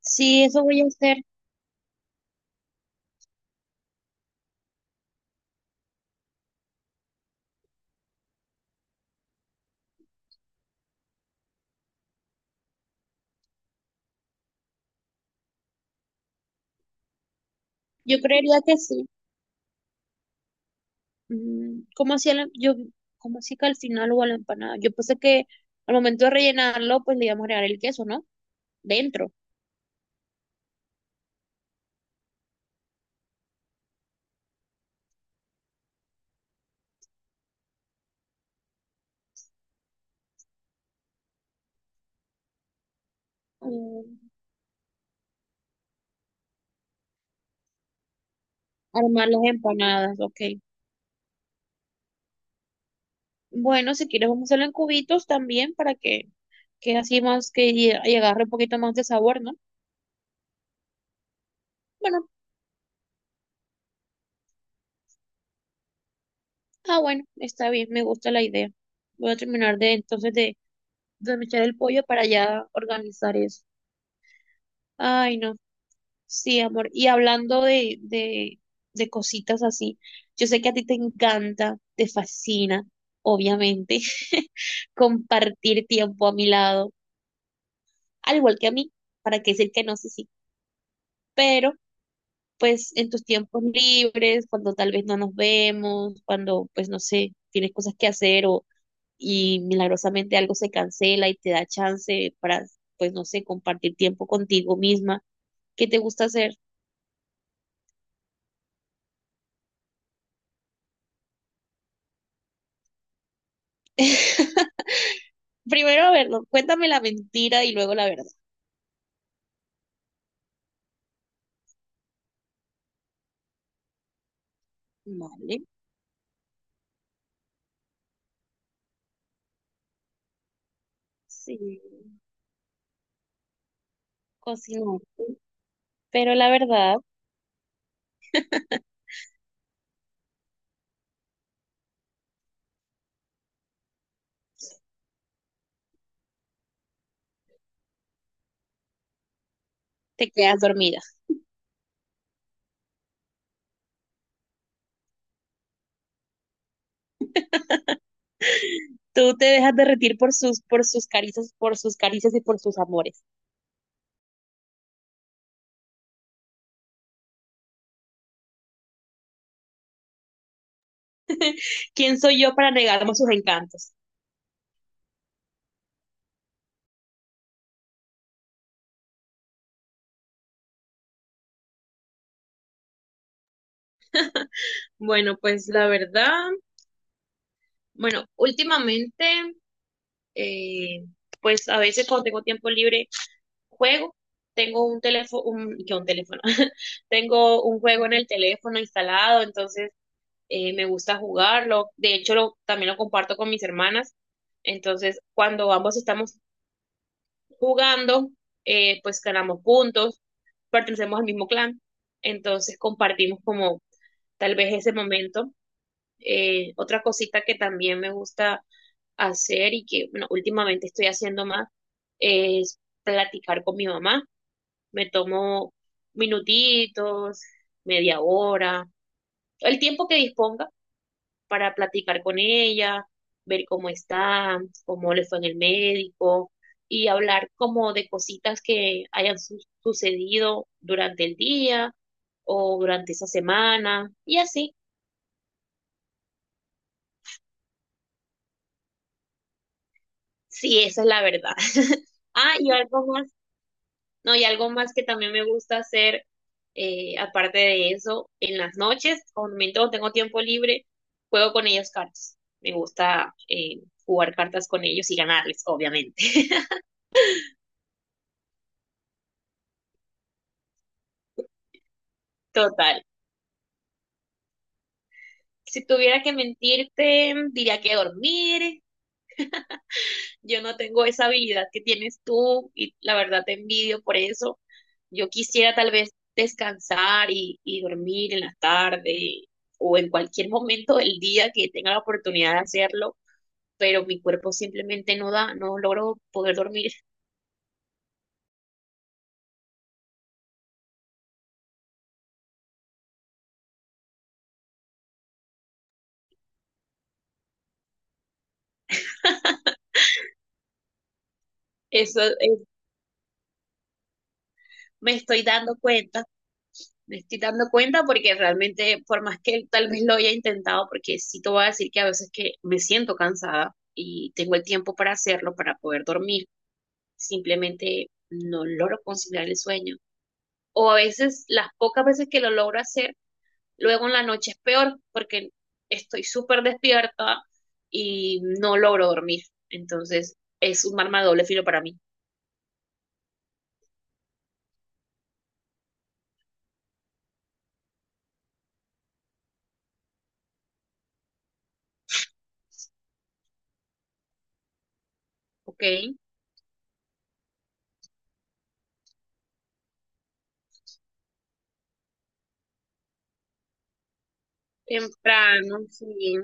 Sí, eso voy a hacer. Yo creería que sí. Mm, ¿cómo hacía cómo hacía que al final o a la empanada? Yo pensé que al momento de rellenarlo, pues le íbamos a agregar el queso, ¿no? Dentro. Mm, armar las empanadas, ok. Bueno, si quieres vamos a hacerlo en cubitos también para que así más que agarre un poquito más de sabor, ¿no? Bueno, ah, bueno, está bien, me gusta la idea. Voy a terminar de entonces de mechar el pollo para ya organizar eso. Ay, no. Sí, amor. Y hablando de cositas así, yo sé que a ti te encanta, te fascina, obviamente, compartir tiempo a mi lado, al igual que a mí, para qué decir que no, sí, sí. Pero, pues, en tus tiempos libres, cuando tal vez no nos vemos, cuando, pues, no sé, tienes cosas que hacer o y milagrosamente algo se cancela y te da chance para, pues, no sé, compartir tiempo contigo misma, ¿qué te gusta hacer? Primero, a ver, no, cuéntame la mentira y luego la verdad. Vale, sí, cocinaste, pero la verdad, te quedas dormida. Tú te dejas derretir por sus caricias, por sus caricias y por sus amores. ¿Quién soy yo para negarme sus encantos? Bueno, pues la verdad, bueno, últimamente, eh, pues a veces cuando tengo tiempo libre, juego. Tengo un teléfono, un, que un teléfono, tengo un juego en el teléfono instalado, entonces me gusta jugarlo, de hecho también lo comparto con mis hermanas, entonces cuando ambos estamos jugando, pues ganamos puntos, pertenecemos al mismo clan, entonces compartimos como tal vez ese momento. Otra cosita que también me gusta hacer y que bueno, últimamente estoy haciendo más es platicar con mi mamá. Me tomo minutitos, media hora, el tiempo que disponga para platicar con ella, ver cómo está, cómo le fue en el médico y hablar como de cositas que hayan sucedido durante el día o durante esa semana y así. Sí, esa es la verdad. Ah, y algo más, no, y algo más que también me gusta hacer, aparte de eso, en las noches, cuando tengo tiempo libre, juego con ellos cartas. Me gusta jugar cartas con ellos y ganarles, obviamente. Total. Si tuviera que mentirte, diría que dormir. Yo no tengo esa habilidad que tienes tú y la verdad te envidio por eso. Yo quisiera tal vez descansar y dormir en la tarde o en cualquier momento del día que tenga la oportunidad de hacerlo, pero mi cuerpo simplemente no da, no logro poder dormir. Eso me estoy dando cuenta. Me estoy dando cuenta porque realmente, por más que tal vez lo haya intentado, porque sí te voy a decir que a veces que me siento cansada y tengo el tiempo para hacerlo, para poder dormir, simplemente no logro conciliar el sueño. O a veces, las pocas veces que lo logro hacer, luego en la noche es peor porque estoy súper despierta y no logro dormir. Entonces, es un arma de doble filo para mí. Ok, temprano, sí,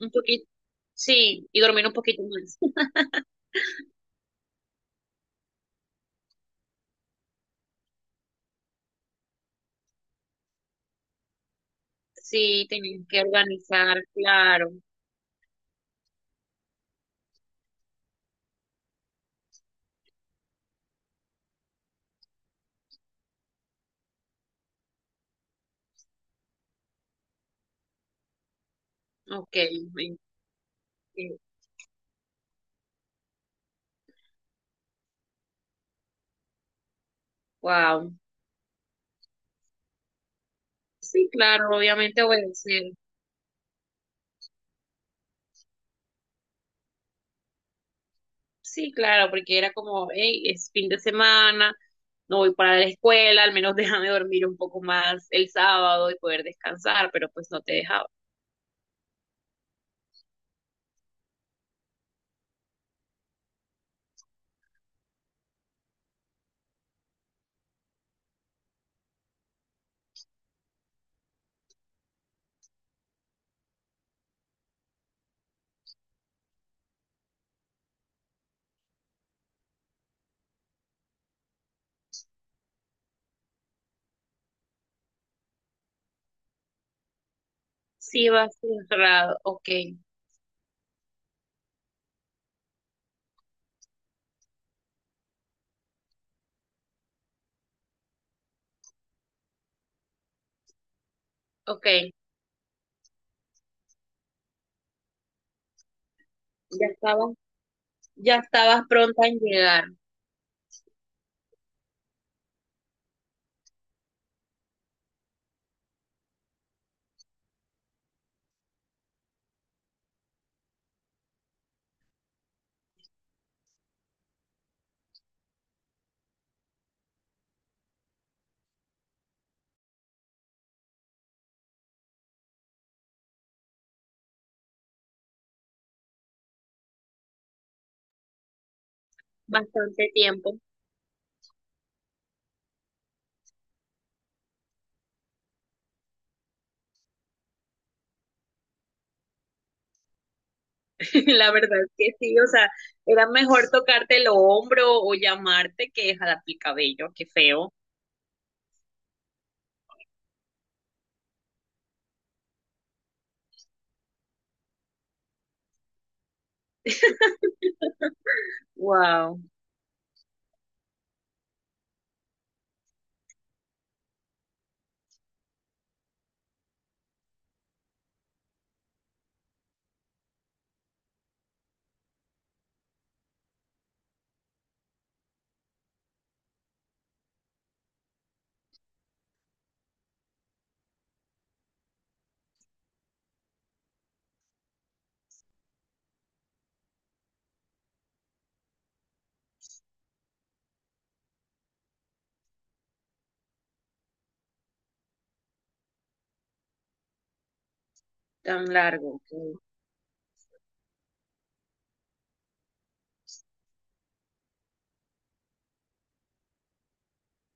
un poquito, sí, y dormir un poquito más. Sí, tenían que organizar, claro. Ok, wow. Sí, claro, obviamente obedecer. Sí, claro, porque era como, hey, es fin de semana, no voy para la escuela, al menos déjame dormir un poco más el sábado y poder descansar, pero pues no te dejaba. Sí, vas cerrado. Ok, ok. Ya estabas, ya estabas pronta en llegar, bastante tiempo. La verdad es que sí, o sea, era mejor tocarte el hombro o llamarte que jalar el cabello, qué feo. Wow, tan largo. Ok.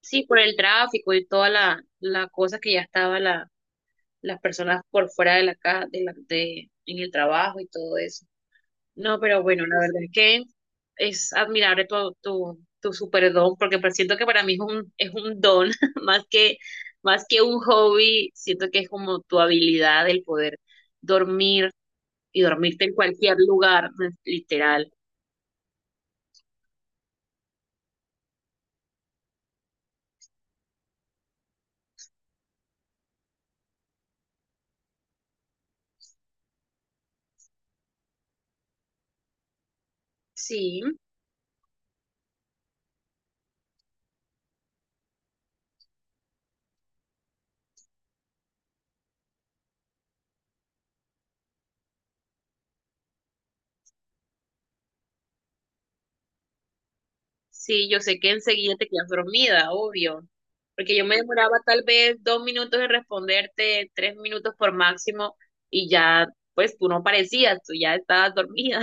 Sí, por el tráfico y toda la cosa que ya estaba las personas por fuera de la casa, en el trabajo y todo eso. No, pero bueno, la verdad es que es admirable tu super don, porque pues siento que para mí es es un don, más que, más que un hobby, siento que es como tu habilidad el poder dormir y dormirte en cualquier lugar, pues, literal. Sí, sí, yo sé que enseguida te quedas dormida, obvio, porque yo me demoraba tal vez dos minutos en responderte, tres minutos por máximo, y ya, pues tú no parecías, tú ya estabas dormida.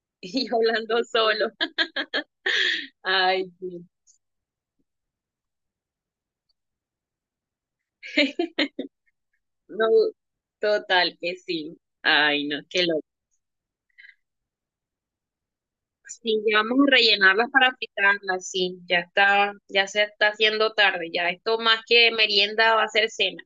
y yo hablando solo. Ay, sí. no, total que sí. Ay, no, qué loco. Sí, ya vamos a rellenarlas para fritarlas, sí, ya está, ya se está haciendo tarde, ya esto más que merienda va a ser cena.